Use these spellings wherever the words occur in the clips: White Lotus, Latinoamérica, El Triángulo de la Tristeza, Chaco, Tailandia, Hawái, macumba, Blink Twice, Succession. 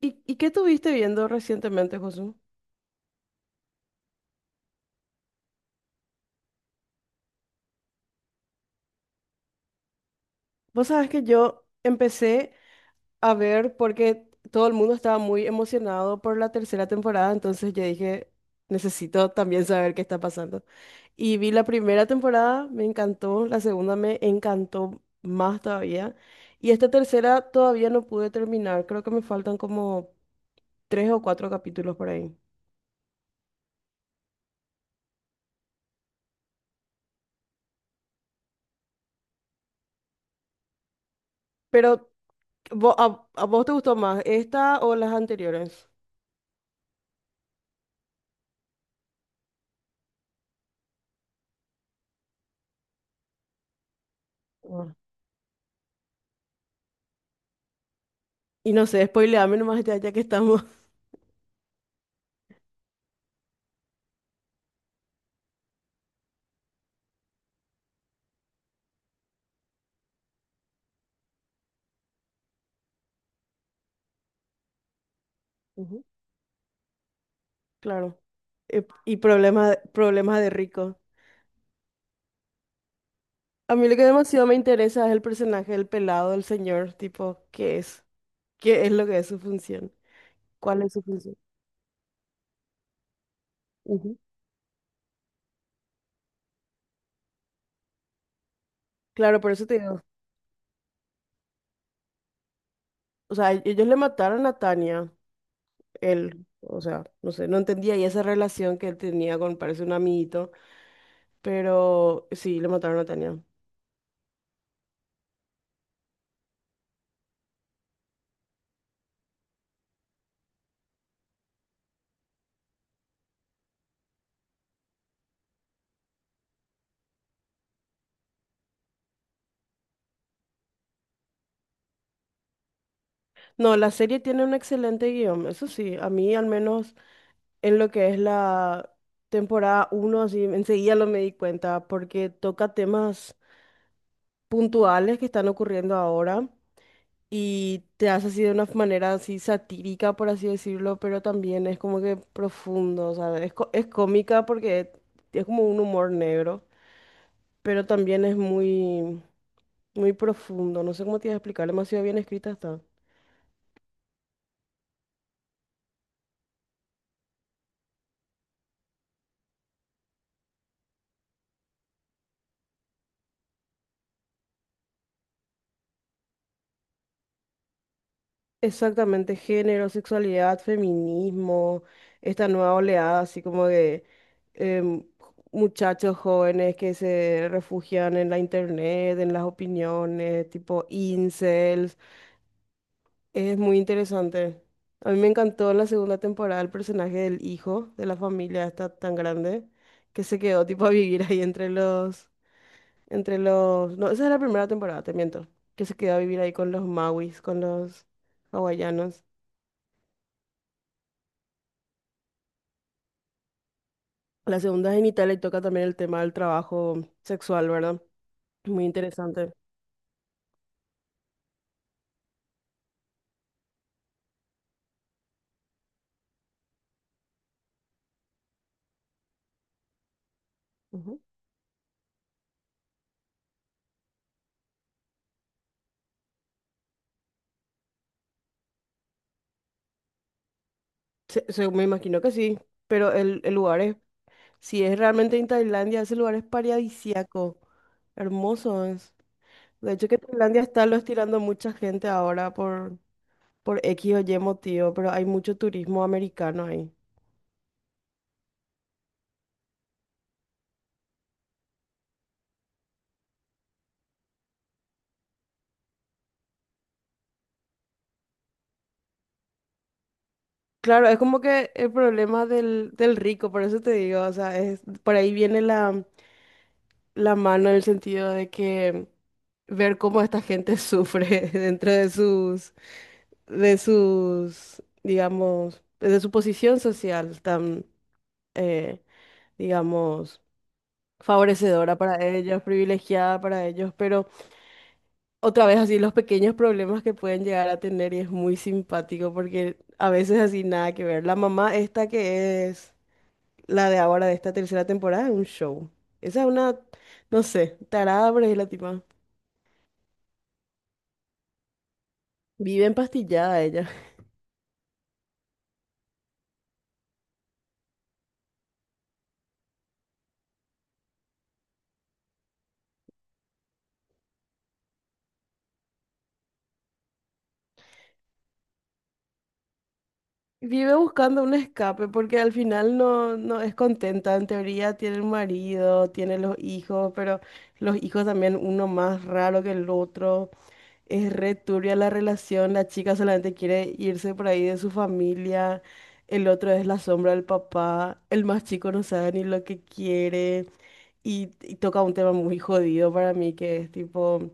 ¿Y, qué estuviste viendo recientemente, Josu? Vos sabés que yo empecé a ver porque todo el mundo estaba muy emocionado por la tercera temporada, entonces yo dije, necesito también saber qué está pasando. Y vi la primera temporada, me encantó, la segunda me encantó más todavía, y esta tercera todavía no pude terminar, creo que me faltan como tres o cuatro capítulos por ahí. Pero, ¿a vos te gustó más esta o las anteriores? Y no sé, spoileame nomás ya que estamos. Ujú. Claro. Y problemas de rico. A mí lo que demasiado me interesa es el personaje del pelado, del señor, tipo, ¿qué es? ¿Qué es lo que es su función? ¿Cuál es su función? Ujú. Claro, por eso te digo. O sea, ellos le mataron a Tania. Él, o sea, no sé, no entendía, y esa relación que él tenía con, parece un amiguito, pero sí, le mataron a Tania. No, la serie tiene un excelente guión, eso sí, a mí al menos en lo que es la temporada uno así enseguida lo me di cuenta, porque toca temas puntuales que están ocurriendo ahora y te hace así de una manera así satírica, por así decirlo, pero también es como que profundo, o sea, es, es cómica porque es como un humor negro, pero también es muy profundo. No sé cómo te iba a explicar, demasiado bien escrita está. Exactamente, género, sexualidad, feminismo, esta nueva oleada, así como de em, muchachos jóvenes que se refugian en la internet, en las opiniones, tipo incels. Es muy interesante. A mí me encantó en la segunda temporada el personaje del hijo de la familia esta tan grande que se quedó tipo a vivir ahí entre los... No, esa es la primera temporada, te miento. Que se queda a vivir ahí con los Mauis, con los hawaianos. La segunda es en Italia y toca también el tema del trabajo sexual, ¿verdad? Muy interesante. Ujú. Me imagino que sí, pero el lugar es... Si es realmente en Tailandia, ese lugar es paradisíaco. Hermoso es. De hecho, que Tailandia está lo estirando mucha gente ahora por X o Y motivo, pero hay mucho turismo americano ahí. Claro, es como que el problema del rico, por eso te digo, o sea, es, por ahí viene la mano en el sentido de que ver cómo esta gente sufre dentro de sus, digamos, de su posición social tan, eh, digamos, favorecedora para ellos, privilegiada para ellos, pero otra vez así los pequeños problemas que pueden llegar a tener, y es muy simpático porque a veces así nada que ver. La mamá esta que es la de ahora, de esta tercera temporada, es un show. Esa es una, no sé, tarada, pero es la tipa. Vive empastillada ella. Vive buscando un escape porque al final no es contenta. En teoría tiene un marido, tiene los hijos, pero los hijos también, uno más raro que el otro. Es re turbia la relación, la chica solamente quiere irse por ahí de su familia, el otro es la sombra del papá, el más chico no sabe ni lo que quiere, y toca un tema muy jodido para mí que es tipo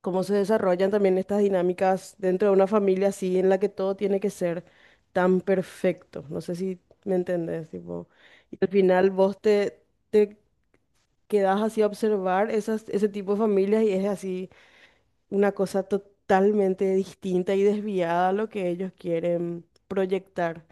cómo se desarrollan también estas dinámicas dentro de una familia así en la que todo tiene que ser tan perfecto. No sé si me entendés, tipo, y al final te quedás así a observar esas, ese tipo de familias, y es así una cosa totalmente distinta y desviada a lo que ellos quieren proyectar.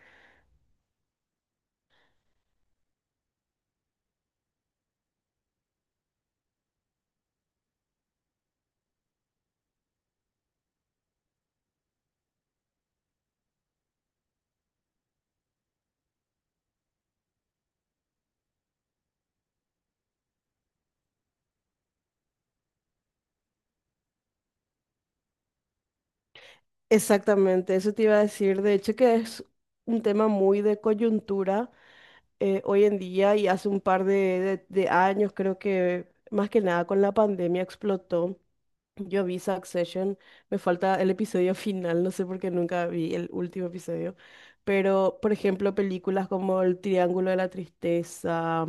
Exactamente, eso te iba a decir, de hecho que es un tema muy de coyuntura, hoy en día, y hace un par de, de años, creo que más que nada con la pandemia explotó. Yo vi Succession, me falta el episodio final, no sé por qué nunca vi el último episodio, pero por ejemplo películas como El Triángulo de la Tristeza,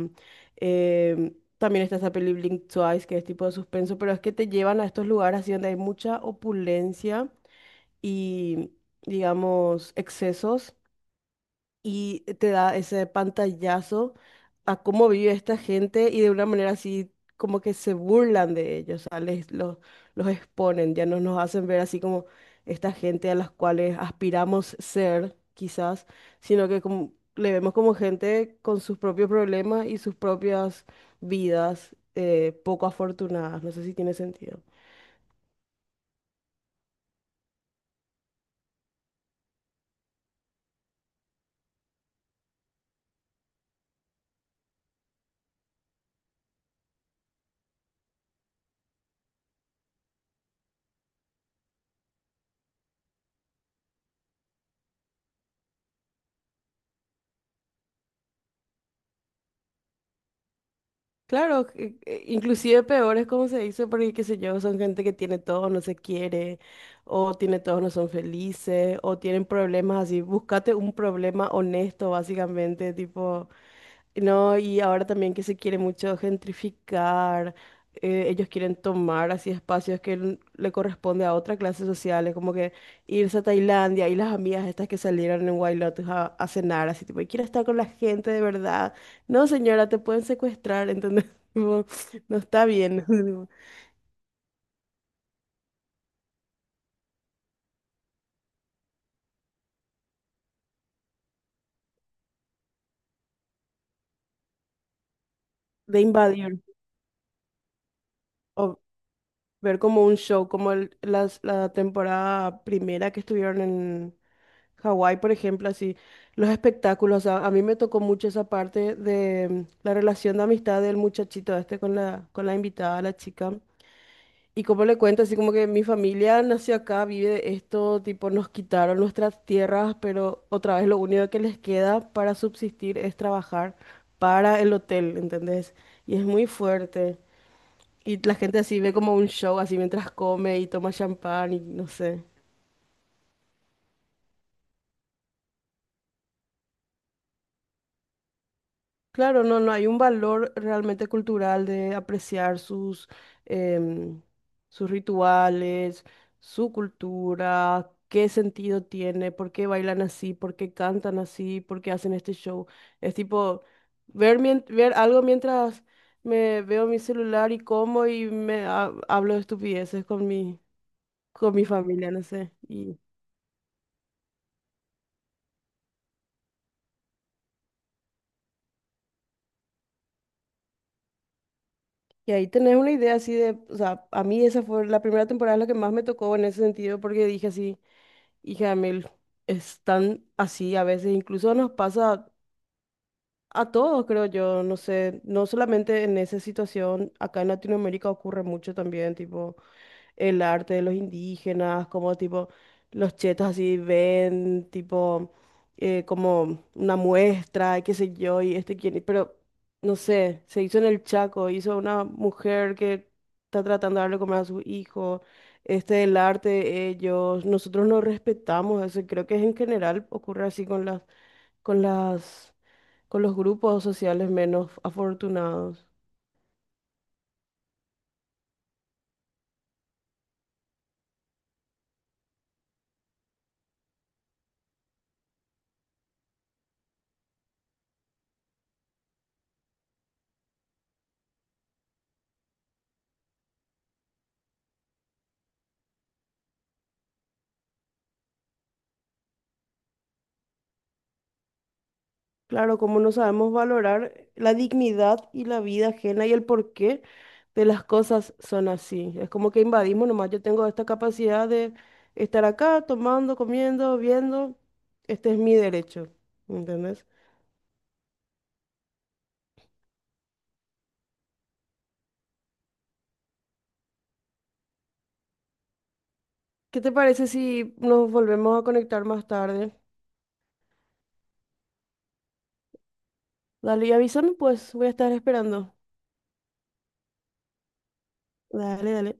también está esa peli Blink Twice, que es tipo de suspenso, pero es que te llevan a estos lugares así donde hay mucha opulencia y, digamos, excesos, y te da ese pantallazo a cómo vive esta gente y de una manera así como que se burlan de ellos, o sea, los exponen, ya no nos hacen ver así como esta gente a las cuales aspiramos ser, quizás, sino que le vemos como gente con sus propios problemas y sus propias vidas, poco afortunadas. No sé si tiene sentido. Claro, inclusive peor es como se dice, porque qué sé yo, son gente que tiene todo, no se quiere, o tiene todo, no son felices, o tienen problemas así. Búscate un problema honesto, básicamente, tipo, no, y ahora también que se quiere mucho gentrificar, ellos quieren tomar así espacios que le corresponde a otras clases sociales, como que irse a Tailandia y las amigas estas que salieron en White a cenar, así tipo, y quiero estar con la gente de verdad. No, señora, te pueden secuestrar, entonces tipo, no está bien de invadir. Ver como un show, como la temporada primera que estuvieron en Hawái, por ejemplo, así, los espectáculos. A mí me tocó mucho esa parte de la relación de amistad del muchachito este con la invitada, la chica. Y como le cuento, así como que mi familia nació acá, vive de esto, tipo nos quitaron nuestras tierras, pero otra vez lo único que les queda para subsistir es trabajar para el hotel, ¿entendés? Y es muy fuerte. Y la gente así ve como un show, así mientras come y toma champán y no sé. Claro, no, no, hay un valor realmente cultural de apreciar sus, em, sus rituales, su cultura, qué sentido tiene, por qué bailan así, por qué cantan así, por qué hacen este show. Es tipo ver, ver algo mientras me veo mi celular y como y hablo de estupideces con mi familia, no sé. Y ahí tenés una idea así de, o sea, a mí esa fue la primera temporada la que más me tocó en ese sentido porque dije así, hija de... están así a veces, incluso nos pasa a todos, creo yo, no sé, no solamente en esa situación, acá en Latinoamérica ocurre mucho también, tipo, el arte de los indígenas, como tipo los chetos así ven, tipo como una muestra, y qué sé yo, y este quién, pero no sé, se hizo en el Chaco, hizo una mujer que está tratando de darle comer a su hijo, este el arte de ellos, nosotros no respetamos eso, y creo que en general ocurre así con las, con las, con los grupos sociales menos afortunados. Claro, como no sabemos valorar la dignidad y la vida ajena y el porqué de las cosas son así. Es como que invadimos nomás. Yo tengo esta capacidad de estar acá tomando, comiendo, viendo. Este es mi derecho. ¿Entendés? ¿Qué te parece si nos volvemos a conectar más tarde? Dale y avísame, pues voy a estar esperando. Dale, dale.